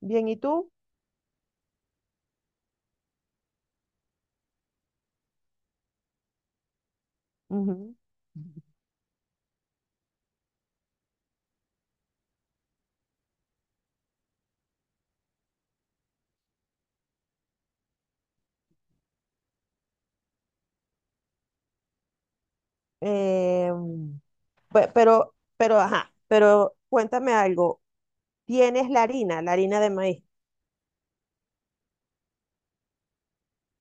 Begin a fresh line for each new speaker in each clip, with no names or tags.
Bien, ¿y tú? Ujú. Eh, pero, ajá, pero cuéntame algo. ¿Tienes la harina de maíz?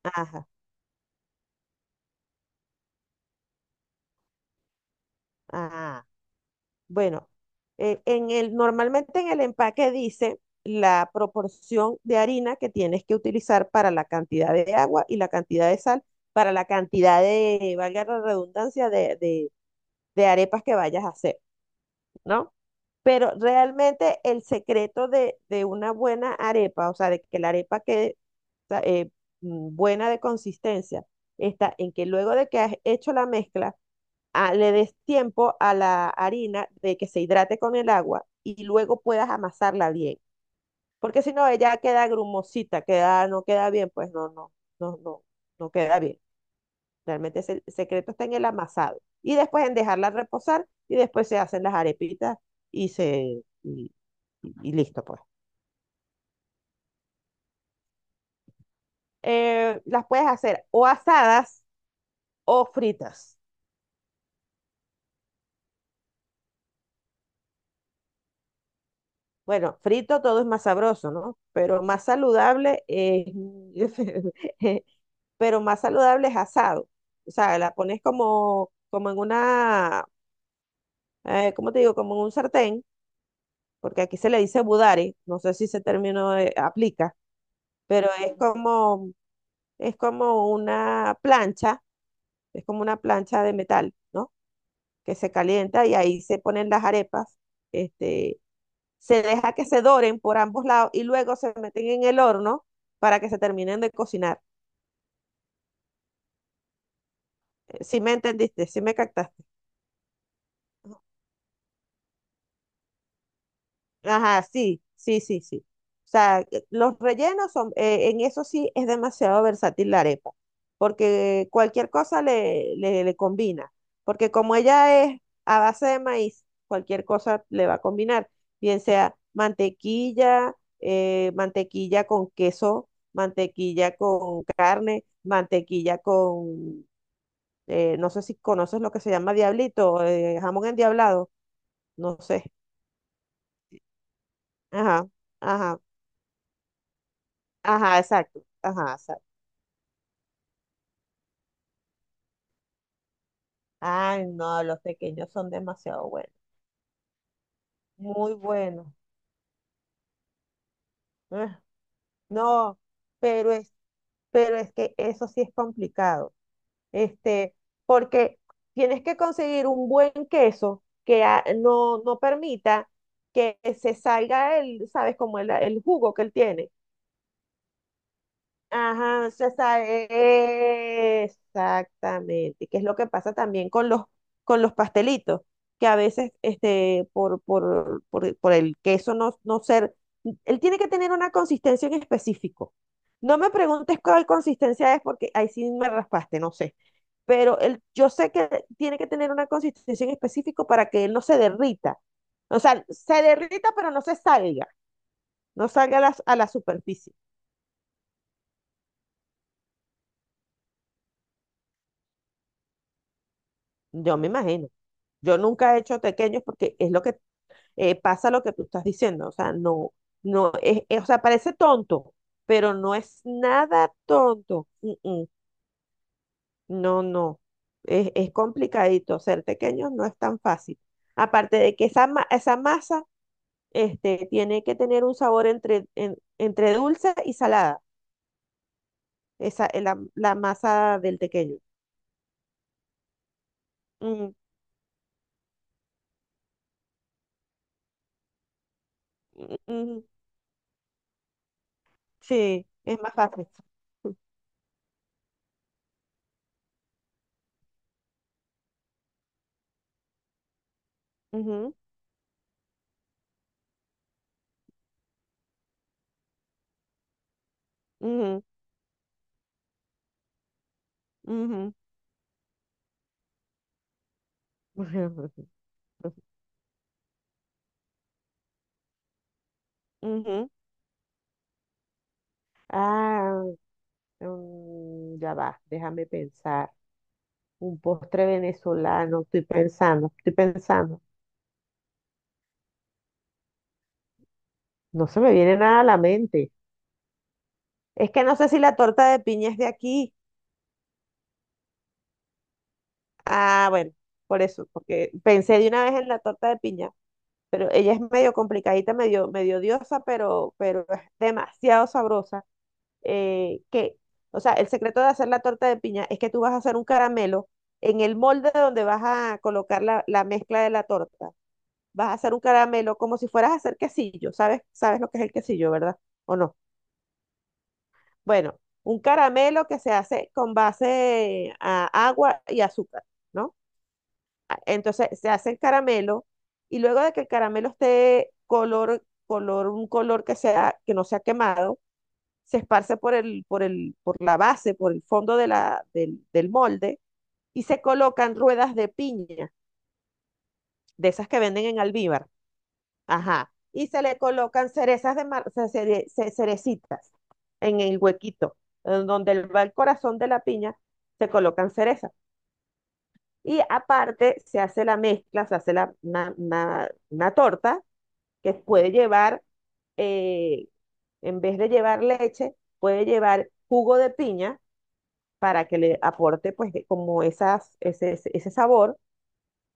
Ajá, ah, bueno, normalmente en el empaque dice la proporción de harina que tienes que utilizar para la cantidad de agua y la cantidad de sal, para la cantidad de, valga la redundancia, de arepas que vayas a hacer. ¿No? Pero realmente el secreto de una buena arepa, o sea, de que la arepa quede o sea, buena de consistencia, está en que luego de que has hecho la mezcla, le des tiempo a la harina de que se hidrate con el agua y luego puedas amasarla bien. Porque si no, ella queda grumosita, queda, no queda bien, pues no, no, no queda bien. Realmente es el secreto, está en el amasado. Y después en dejarla reposar y después se hacen las arepitas y se y, y listo pues. Las puedes hacer o asadas o fritas. Bueno, frito todo es más sabroso, ¿no? Pero más saludable es, pero más saludable es asado. O sea, la pones como, como en una, ¿cómo te digo? Como en un sartén, porque aquí se le dice budare, no sé si ese término aplica, pero es como una plancha, es como una plancha de metal, ¿no? Que se calienta y ahí se ponen las arepas, este, se deja que se doren por ambos lados y luego se meten en el horno para que se terminen de cocinar. Si me entendiste, si me captaste. Ajá, sí, sí, sí, sí. O sea, los rellenos son, en eso sí es demasiado versátil la arepa, porque cualquier cosa le combina, porque como ella es a base de maíz, cualquier cosa le va a combinar, bien sea mantequilla, mantequilla con queso, mantequilla con carne, mantequilla con, no sé si conoces lo que se llama diablito, jamón endiablado, no sé. Ajá. Ajá. Ajá, exacto. Ajá, exacto. Ay, no, los pequeños son demasiado buenos. Muy buenos. Ugh, no, pero es, pero es que eso sí es complicado. Este, porque tienes que conseguir un buen queso que no permita que se salga el, ¿sabes? Como el jugo que él tiene. Ajá, o sea, está- exactamente. Que es lo que pasa también con los pastelitos, que a veces este, por el queso no, no ser, él tiene que tener una consistencia en específico. No me preguntes cuál consistencia es porque ahí sí me raspaste, no sé. Pero él, yo sé que tiene que tener una consistencia en específico para que él no se derrita. O sea, se derrita, pero no se salga, no salga a la superficie. Yo me imagino. Yo nunca he hecho tequeños porque es lo que pasa lo que tú estás diciendo. O sea, no, no es, es- o sea, parece tonto, pero no es nada tonto. Mm, mm. No, no. Es complicadito. Ser tequeños no es tan fácil. Aparte de que esa, ma- esa masa este, tiene que tener un sabor entre, en- entre dulce y salada. Esa, la, la masa del tequeño. Mm, mm, mm. Sí, es más fácil. Ujú, ujú. Ujú. Ujú. Ah, ya va, déjame pensar. Un postre venezolano, estoy pensando, estoy pensando. No se me viene nada a la mente. Es que no sé si la torta de piña es de aquí. Ah, bueno, por eso, porque pensé de una vez en la torta de piña, pero ella es medio complicadita, medio, medio diosa, pero es demasiado sabrosa. eh, que, o sea, el secreto de hacer la torta de piña es que tú vas a hacer un caramelo en el molde donde vas a colocar la, la mezcla de la torta. Vas a hacer un caramelo como si fueras a hacer quesillo, ¿sabes? ¿Sabes lo que es el quesillo, verdad? ¿O no? Bueno, un caramelo que se hace con base a agua y azúcar, ¿no? A- Entonces se hace el caramelo y luego de que el caramelo esté color, color, un color que sea, que no sea quemado, se esparce por el, por el, por la base, por el fondo de la, del, del molde y se colocan ruedas de piña, de esas que venden en Alvíbar. Ajá. Y se le colocan cerezas de mar, ce- cere, ce- cerecitas en el huequito, en donde va el corazón de la piña, se colocan cerezas. Y aparte se hace la mezcla, se hace la, una torta que puede llevar, eh, en vez de llevar leche, puede llevar jugo de piña, para que le aporte pues como esas, ese sabor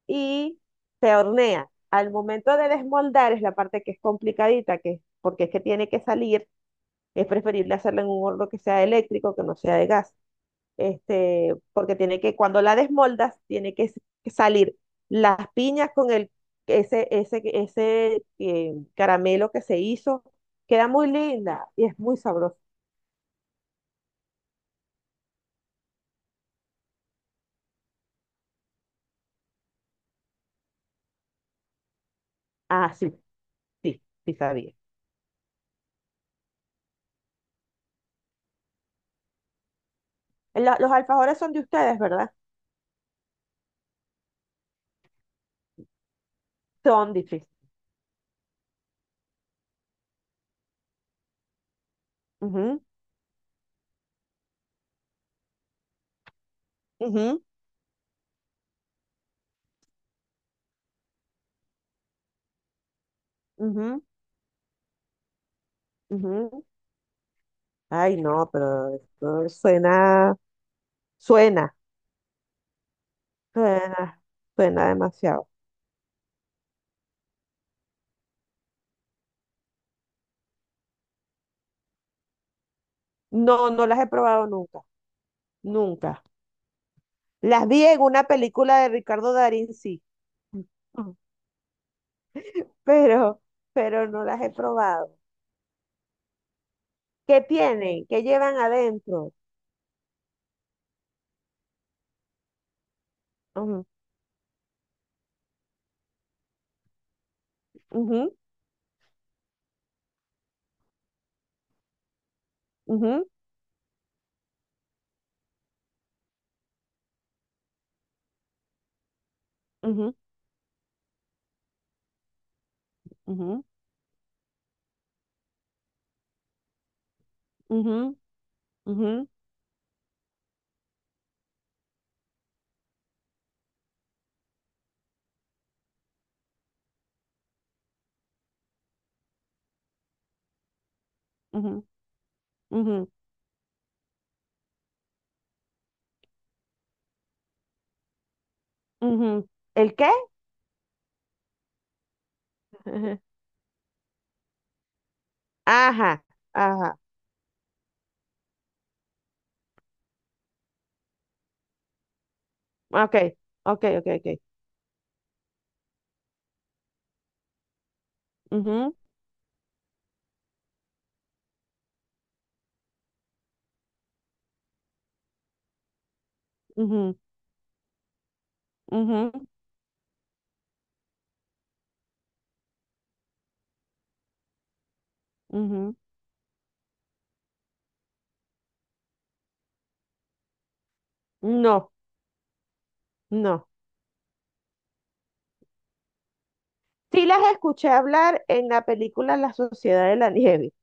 y se hornea. Al momento de desmoldar es la parte que es complicadita, que, porque es que tiene que salir, es preferible hacerlo en un horno que sea eléctrico, que no sea de gas, este, porque tiene que, cuando la desmoldas, tiene que s- salir las piñas con el, ese caramelo que se hizo, queda muy linda y es muy sabroso. Ah, sí, sí, sí sabía. Lo- los alfajores son de ustedes, ¿verdad? Son difíciles. Ujú, ujú, ujú, ujú. Ay, no, pero esto suena, suena, suena, suena demasiado. No, no las he probado nunca, nunca. Las vi en una película de Ricardo Darín, sí, pero, pero no las he probado. ¿Qué tienen? ¿Qué llevan adentro? Ujú, ujú, ujú, ujú, ujú, ujú, ujú, ujú, ujú, ujú. ¿El qué? Ujú. Ajá, ajá. Ah, okay, okay, okay, okay. Ujú, ujú, ujú, ujú. No, no. Sí las escuché hablar en la película La Sociedad de la Nieve,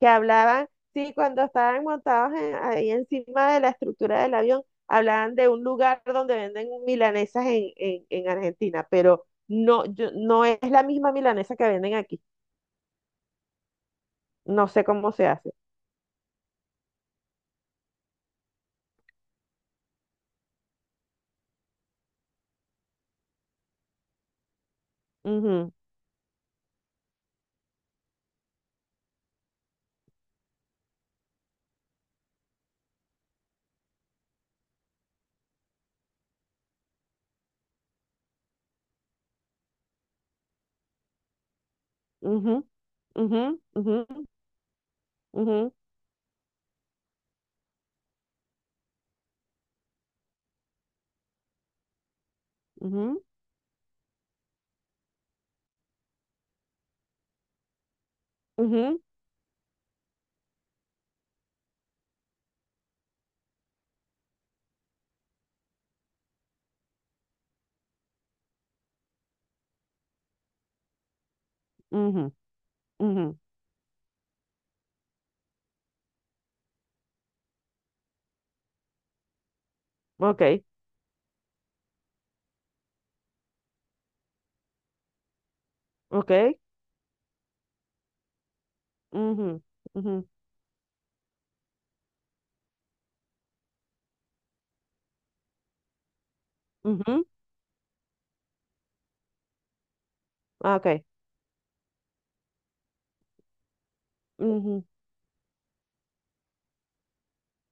que hablaban, sí, cuando estaban montados en- ahí encima de la estructura del avión, hablaban de un lugar donde venden milanesas en Argentina, pero no, yo, no es la misma milanesa que venden aquí. No sé cómo se hace. Ujú, ujú, ujú, ujú, ujú, ujú, ujú, ujú, ujú. Ok. Ok. Ujú, ujú, ujú. Ah, ok. Ujú,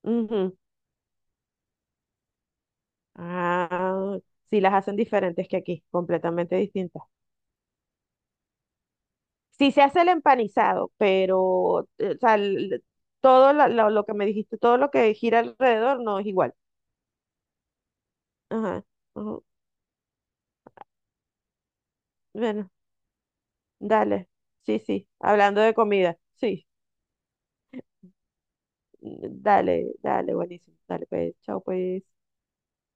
ujú. Ah, sí, las hacen diferentes que aquí, completamente distintas. Sí se hace el empanizado, pero o sea, el- todo la- lo que me dijiste, todo lo que gira alrededor no es igual. Ajá. Ujú. Bueno, dale. Sí, sí. Hablando de comida. Sí. Mm, dale, dale, buenísimo. Dale, pues, chao, pues.